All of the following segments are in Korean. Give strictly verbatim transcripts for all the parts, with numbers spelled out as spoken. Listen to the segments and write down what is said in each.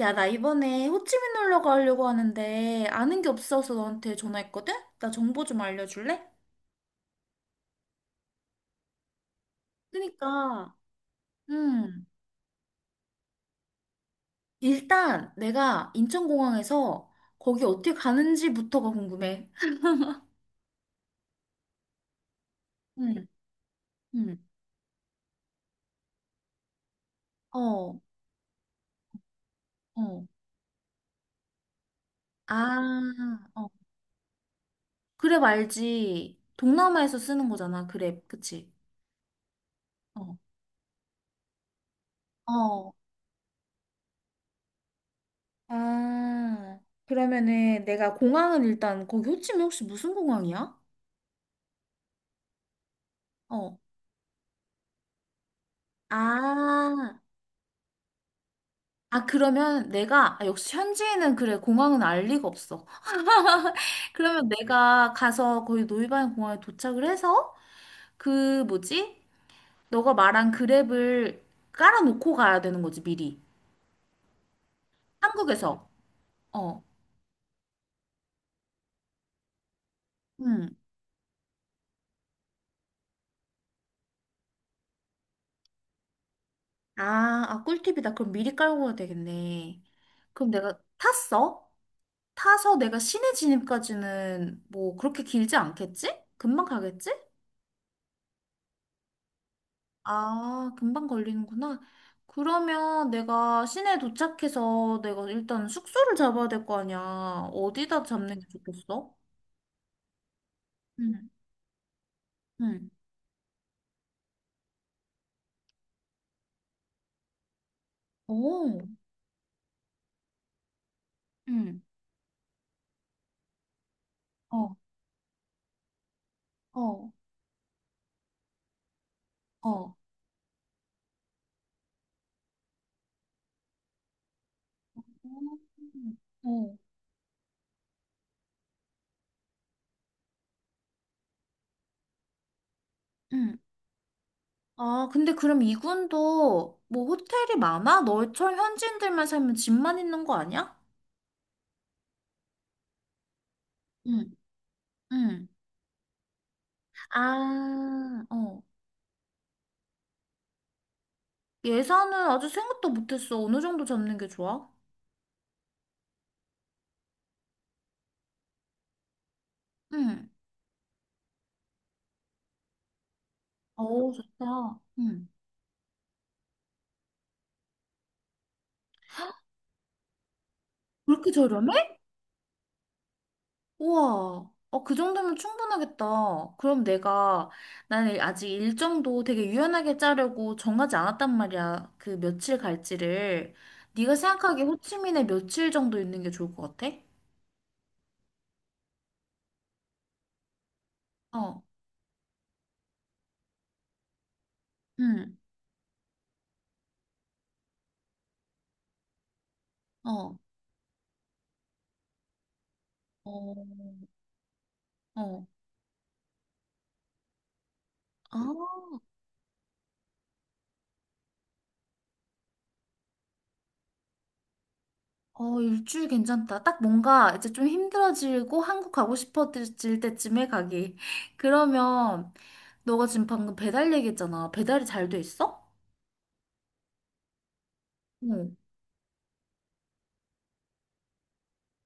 야, 나 이번에 호치민 놀러 가려고 하는데 아는 게 없어서 너한테 전화했거든? 나 정보 좀 알려줄래? 그니까, 음, 일단 내가 인천공항에서 거기 어떻게 가는지부터가 궁금해. 응, 응, 어, 어. 아, 어. 그랩 알지? 동남아에서 쓰는 거잖아, 그랩. 그치? 어, 어. 아, 그러면은 내가 공항은 일단 거기 호치민 혹시 무슨 공항이야? 어. 아, 아, 그러면 내가, 아, 역시 현지인은 그래, 공항은 알 리가 없어. 그러면 내가 가서 거기 노이반 공항에 도착을 해서 그 뭐지? 너가 말한 그랩을 깔아놓고 가야 되는 거지, 미리. 한국에서. 어. 응. 아, 아, 꿀팁이다. 그럼 미리 깔고 가야 되겠네. 그럼 내가 탔어? 타서 내가 시내 진입까지는 뭐 그렇게 길지 않겠지? 금방 가겠지? 아, 금방 걸리는구나. 그러면 내가 시내 도착해서 내가 일단 숙소를 잡아야 될 거 아니야. 어디다 잡는 게 좋겠어? 응, 응. 오, 응, 어, 어, 어. 음. 어. 응. 아, 근데 그럼 이군도 뭐 호텔이 많아? 너처럼 현지인들만 살면 집만 있는 거 아니야? 응. 응. 아, 어. 예산은 아직 생각도 못했어. 어느 정도 잡는 게 좋아? 응. 오, 좋다. 응. 그렇게 저렴해? 우와. 어, 그 정도면 충분하겠다. 그럼 내가, 나는 아직 일정도 되게 유연하게 짜려고 정하지 않았단 말이야. 그 며칠 갈지를. 네가 생각하기에 호치민에 며칠 정도 있는 게 좋을 것 같아? 어. 응. 어. 어. 어. 아. 어, 일주일 괜찮다. 딱 뭔가 이제 좀 힘들어지고 한국 가고 싶어질 때쯤에 가기. 그러면 너가 지금 방금 배달 얘기했잖아. 배달이 잘 돼 있어? 어.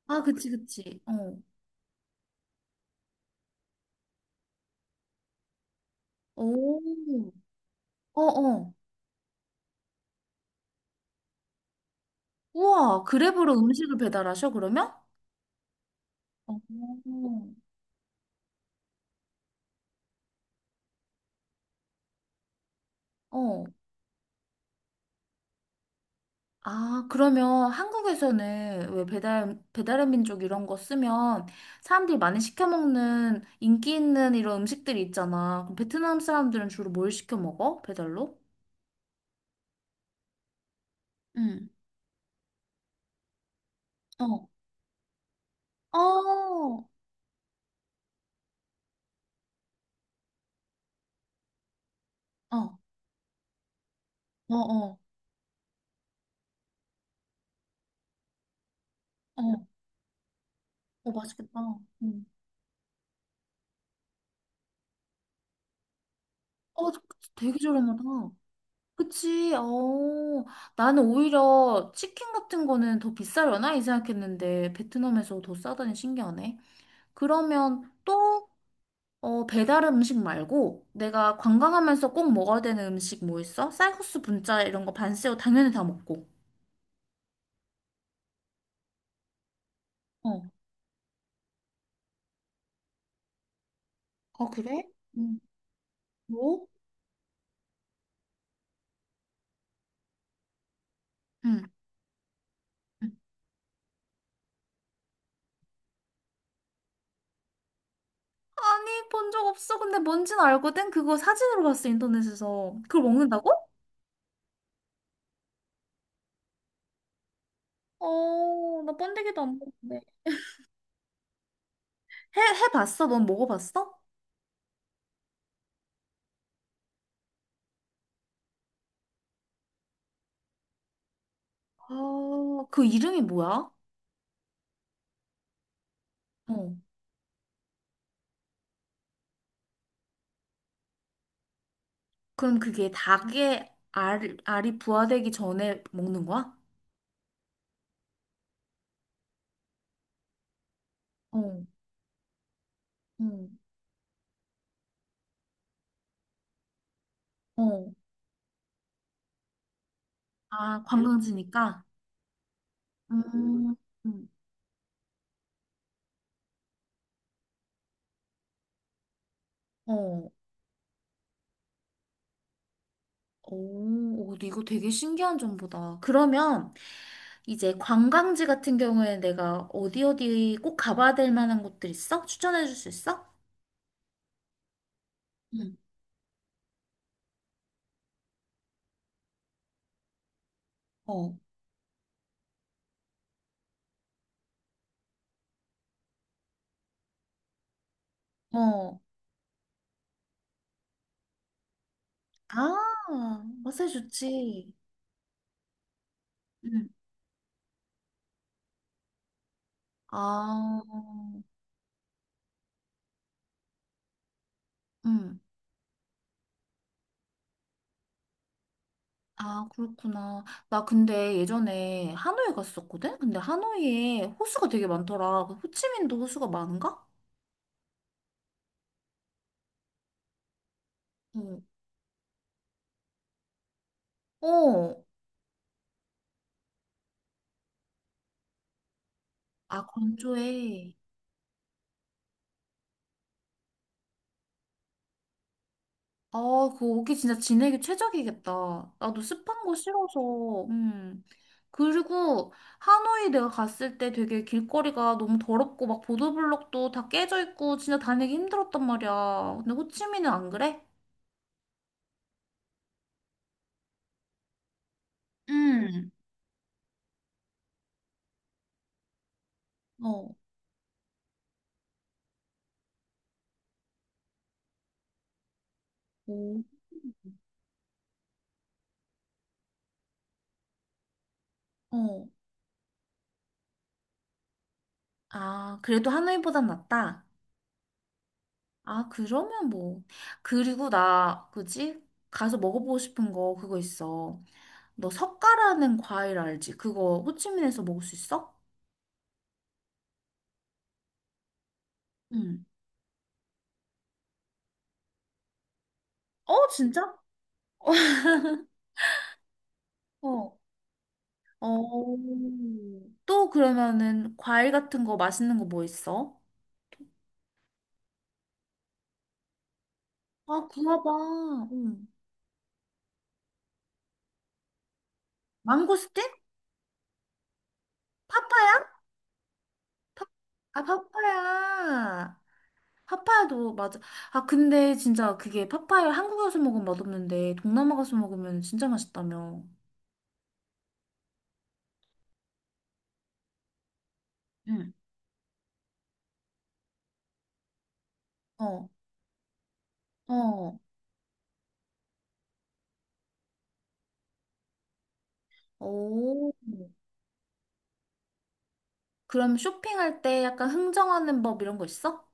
아, 그치, 그치. 어. 오. 어, 어. 우와, 그랩으로 음식을 배달하셔, 그러면? 어. 어. 아, 그러면 한국에서는 왜 배달, 배달의 민족 이런 거 쓰면 사람들이 많이 시켜 먹는 인기 있는 이런 음식들이 있잖아. 그럼 베트남 사람들은 주로 뭘 시켜 먹어? 배달로? 응. 어. 어. 어. 어. 어. 어. 어, 맛있겠다. 응. 어, 되게 저렴하다. 그치. 어. 나는 오히려 치킨 같은 거는 더 비싸려나? 이 생각했는데 베트남에서 더 싸다니 신기하네. 그러면 또 어, 배달 음식 말고 내가 관광하면서 꼭 먹어야 되는 음식 뭐 있어? 쌀국수, 분짜 이런 거 반쎄오 당연히 다 먹고. 어. 아, 그래? 응 뭐? 응. 응. 아니, 본 적 없어. 근데 뭔진 알거든? 그거 사진으로 봤어, 인터넷에서. 그걸 먹는다고? 어, 나 번데기도 안 먹는데. 해, 해봤어? 넌 먹어봤어? 아, 그 이름이 뭐야? 어. 그럼 그게 닭의 알, 알이 부화되기 전에 먹는 거야? 어. 응. 어. 아, 관광지니까? 음, 음. 어, 오, 오, 이거 되게 신기한 정보다. 그러면 이제 관광지 같은 경우에 내가 어디 어디 꼭 가봐야 될 만한 곳들 있어? 추천해 줄 수 있어? 응. 어, 어. 아, 마사지 좋지. 응. 아, 응. 아, 그렇구나. 나 근데 예전에 하노이 갔었거든? 근데 하노이에 호수가 되게 많더라. 그 호치민도 호수가 많은가? 응. 어. 아, 건조해. 아, 그 오기 진짜 지내기 최적이겠다. 나도 습한 거 싫어서. 음. 그리고 하노이 내가 갔을 때 되게 길거리가 너무 더럽고 막 보도블록도 다 깨져 있고 진짜 다니기 힘들었단 말이야. 근데 호치민은 안 그래? 음. 어. 오. 어. 아, 그래도 하노이보단 낫다. 아, 그러면 뭐. 그리고 나, 그지? 가서 먹어보고 싶은 거 그거 있어. 너 석가라는 과일 알지? 그거 호치민에서 먹을 수 있어? 응. 어, 진짜? 어. 어. 또 그러면은 과일 같은 거 맛있는 거 뭐 있어? 아, 구워봐. 응. 망고스틴? 파파야? 파- 아, 파파야. 파파야도 맞아. 아, 근데 진짜 그게 파파야 한국에 와서 먹으면 맛없는데 동남아 가서 먹으면 진짜 맛있다며. 응. 어. 어. 오. 그럼 쇼핑할 때 약간 흥정하는 법 이런 거 있어?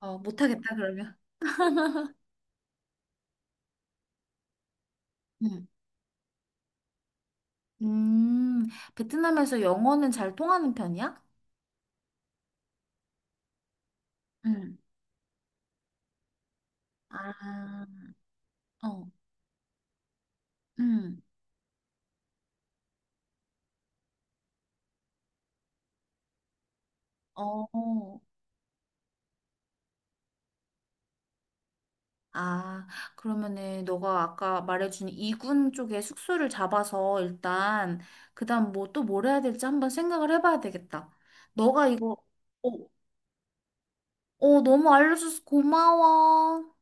어, 못하겠다, 그러면. 응, 음, 베트남에서 영어는 잘 통하는 편이야? 응. 아, 어, 음, 어. 아, 그러면은 너가 아까 말해준 이군 쪽에 숙소를 잡아서 일단 그다음 뭐 또 뭘 해야 될지 한번 생각을 해봐야 되겠다. 너가 이거 어, 어, 너무 알려줘서 고마워.